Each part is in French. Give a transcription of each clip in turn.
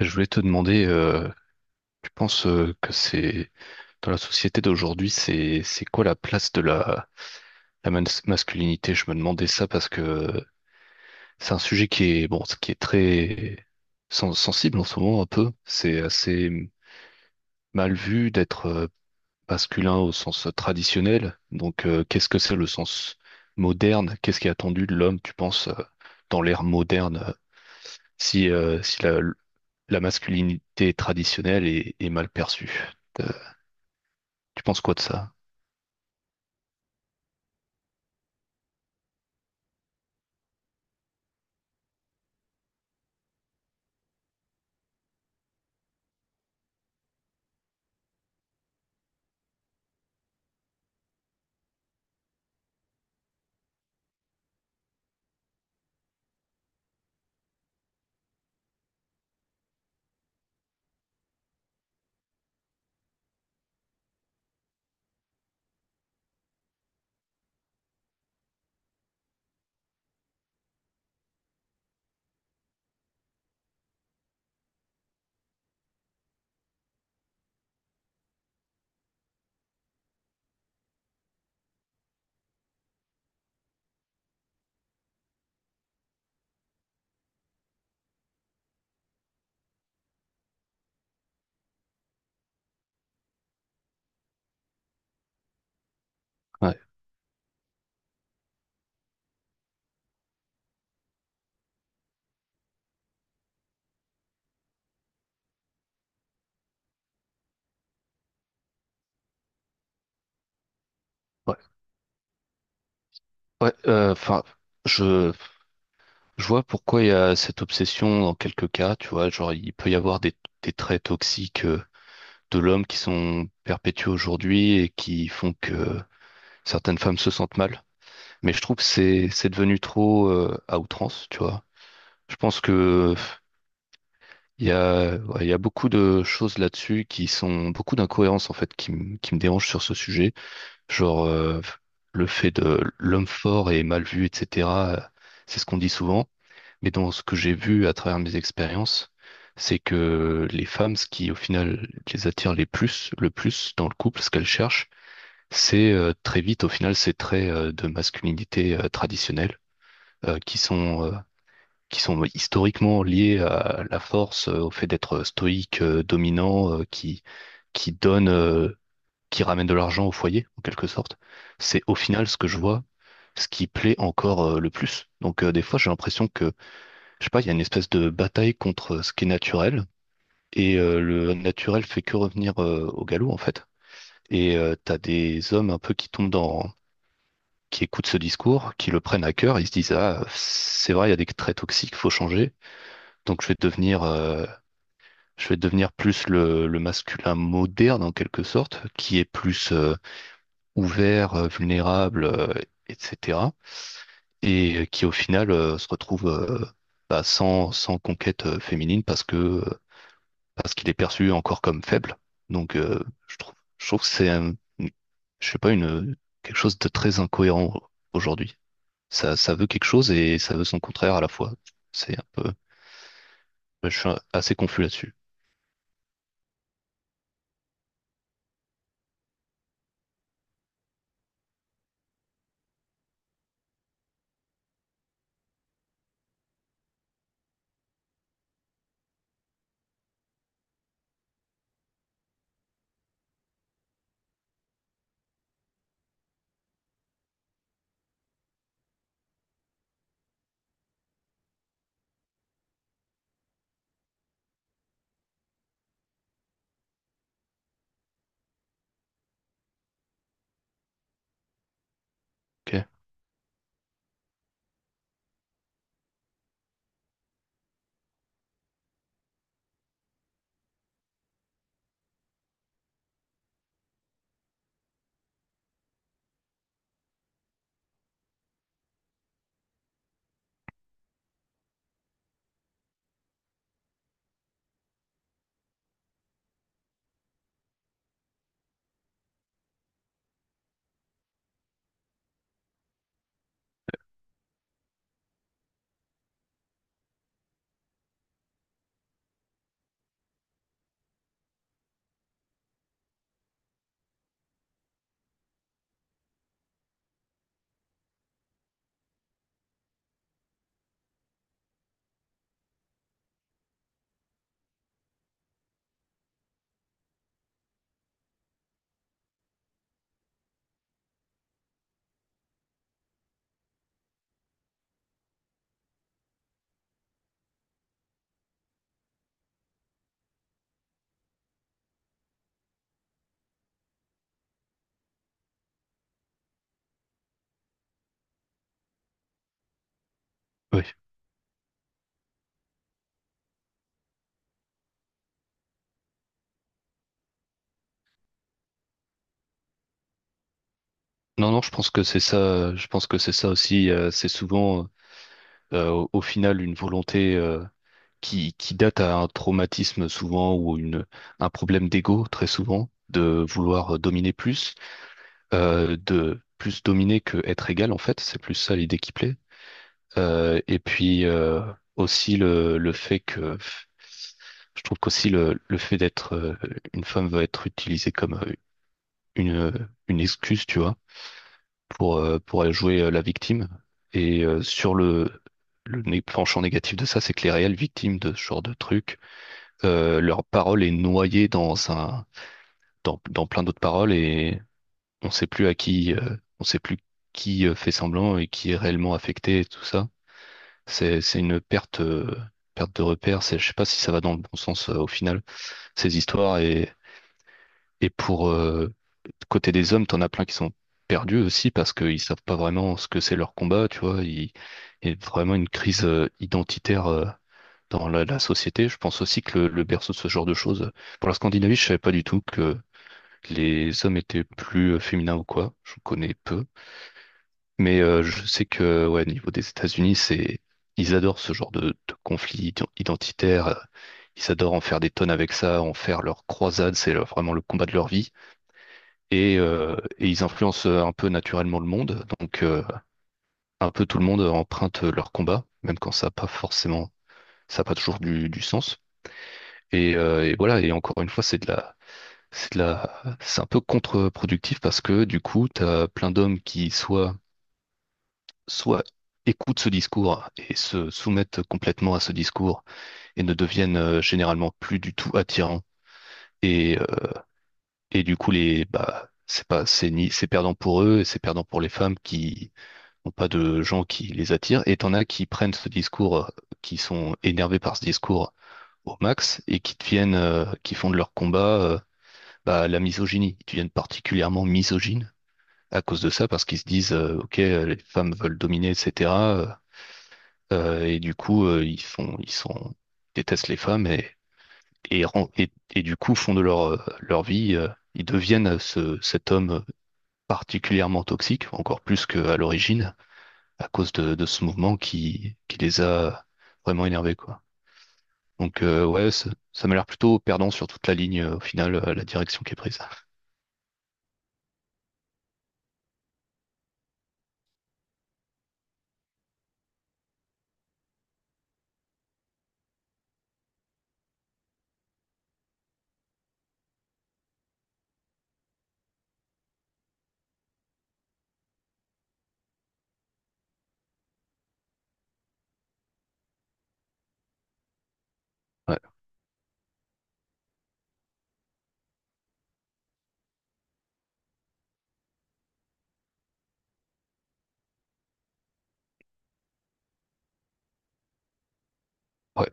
Je voulais te demander, tu penses que c'est dans la société d'aujourd'hui, c'est quoi la place de la masculinité? Je me demandais ça parce que c'est un sujet qui est bon, qui est très sensible en ce moment un peu. C'est assez mal vu d'être masculin au sens traditionnel. Donc, qu'est-ce que c'est le sens moderne? Qu'est-ce qui est attendu de l'homme, tu penses, dans l'ère moderne, si la masculinité traditionnelle est mal perçue? Tu penses quoi de ça? Ouais, ouais, ouais. Enfin, je, je vois pourquoi il y a cette obsession dans quelques cas. Tu vois, genre il peut y avoir des traits toxiques de l'homme qui sont perpétués aujourd'hui et qui font que certaines femmes se sentent mal. Mais je trouve que c'est devenu trop à outrance. Tu vois, je pense que il y a ouais, il y a beaucoup de choses là-dessus qui sont beaucoup d'incohérences en fait qui me dérangent sur ce sujet. Genre, le fait de l'homme fort est mal vu, etc., euh, c'est ce qu'on dit souvent. Mais dans ce que j'ai vu à travers mes expériences, c'est que les femmes, ce qui au final les attire les plus, le plus dans le couple, ce qu'elles cherchent, c'est très vite au final ces traits de masculinité traditionnelle euh, qui sont euh, qui sont historiquement liés à la force, au fait d'être stoïque, dominant, qui donne qui ramène de l'argent au foyer, en quelque sorte, c'est au final ce que je vois, ce qui plaît encore le plus. Donc des fois, j'ai l'impression que, je sais pas, il y a une espèce de bataille contre ce qui est naturel, et le naturel fait que revenir au galop, en fait. Et t'as des hommes un peu qui tombent dans, qui écoutent ce discours, qui le prennent à cœur, ils se disent, ah, c'est vrai, il y a des traits toxiques, faut changer, donc je vais devenir plus le masculin moderne en quelque sorte, qui est plus ouverts, vulnérables, etc. Et qui au final se retrouve bah, sans conquête féminine parce qu'il est perçu encore comme faible. Donc je trouve que c'est je sais pas une quelque chose de très incohérent aujourd'hui. Ça veut quelque chose et ça veut son contraire à la fois. C'est un peu. Je suis assez confus là-dessus. Ok. Oui. Non, non, je pense que c'est ça. Je pense que c'est ça aussi. C'est souvent, au final, une volonté. Qui date à un traumatisme souvent ou une, un problème d'ego très souvent, de vouloir dominer plus, de plus dominer que être égal en fait, c'est plus ça l'idée qui plaît. Et puis aussi le fait que je trouve qu'aussi le fait d'être une femme va être utilisé comme une, euh, une excuse, tu vois, pour aller jouer la victime. Et sur le penchant négatif de ça, c'est que les réelles victimes de ce genre de truc leur parole est noyée dans plein d'autres paroles et on sait plus on sait plus qui fait semblant et qui est réellement affecté et tout ça. C'est une perte de repère. Je sais pas si ça va dans le bon sens au final, ces histoires et côté des hommes, t'en as plein qui sont perdus aussi parce qu'ils savent pas vraiment ce que c'est leur combat, tu vois. Il y a vraiment une crise identitaire dans la société. Je pense aussi que le berceau de ce genre de choses. Pour la Scandinavie, je savais pas du tout que les hommes étaient plus féminins ou quoi. Je connais peu. Mais je sais que, ouais, au niveau des États-Unis, c'est, ils adorent ce genre de conflit identitaire. Ils adorent en faire des tonnes avec ça, en faire leur croisade. C'est vraiment le combat de leur vie. Et ils influencent un peu naturellement le monde. Donc, un peu tout le monde emprunte leur combat, même quand ça n'a pas toujours du sens. Et voilà, et encore une fois, c'est un peu contre-productif parce que du coup, tu as plein d'hommes qui soit écoutent ce discours et se soumettent complètement à ce discours et ne deviennent généralement plus du tout attirants. Et, euh, et du coup, bah, c'est pas, c'est ni, c'est perdant pour eux et c'est perdant pour les femmes qui n'ont pas de gens qui les attirent. Et t'en as qui prennent ce discours, qui sont énervés par ce discours au max et qui font de leur combat, bah, la misogynie. Ils deviennent particulièrement misogynes à cause de ça, parce qu'ils se disent, OK, les femmes veulent dominer, etc. euh, et du coup, ils font, ils sont, ils détestent les femmes et du coup font de leur vie, ils deviennent cet homme particulièrement toxique, encore plus qu'à l'origine, à cause de ce mouvement qui les a vraiment énervés, quoi. Donc, ouais, ça m'a l'air plutôt perdant sur toute la ligne, au final, la direction qui est prise. Ouais, ouais,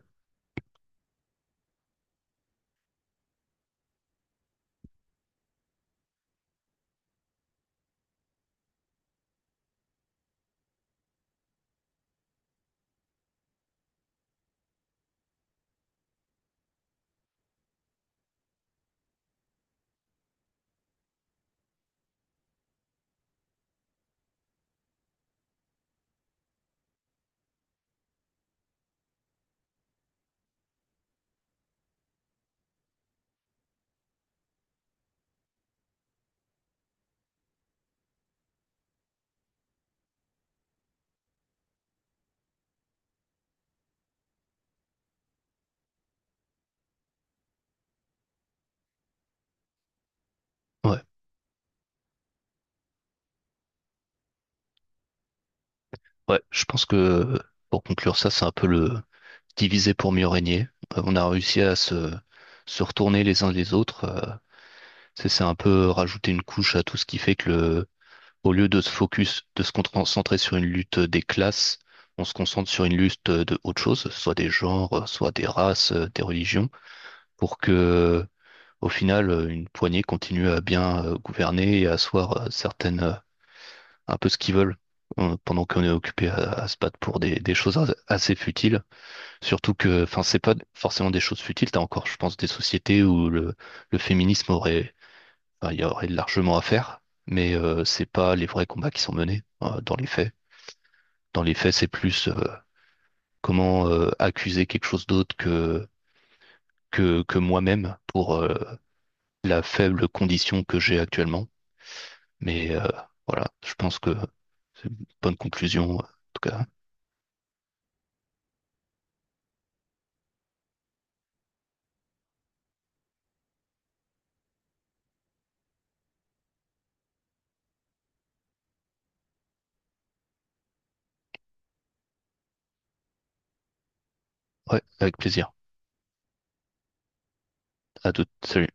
ouais. Ouais, je pense que pour conclure ça, c'est un peu le diviser pour mieux régner. On a réussi à se retourner les uns les autres. C'est un peu rajouter une couche à tout ce qui fait que au lieu de se concentrer sur une lutte des classes, on se concentre sur une lutte de autre chose, soit des genres, soit des races, des religions, pour que au final une poignée continue à bien gouverner et à asseoir certaines un peu ce qu'ils veulent pendant qu'on est occupé à se battre pour des choses assez futiles. Surtout que, enfin, c'est pas forcément des choses futiles. T'as encore, je pense, des sociétés où le féminisme aurait, enfin, il y aurait largement à faire, mais c'est pas les vrais combats qui sont menés dans les faits. Dans les faits, c'est plus comment accuser quelque chose d'autre que moi-même pour la faible condition que j'ai actuellement. Mais voilà, je pense que c'est une bonne conclusion, en tout cas. Ouais, avec plaisir. À toutes. Salut.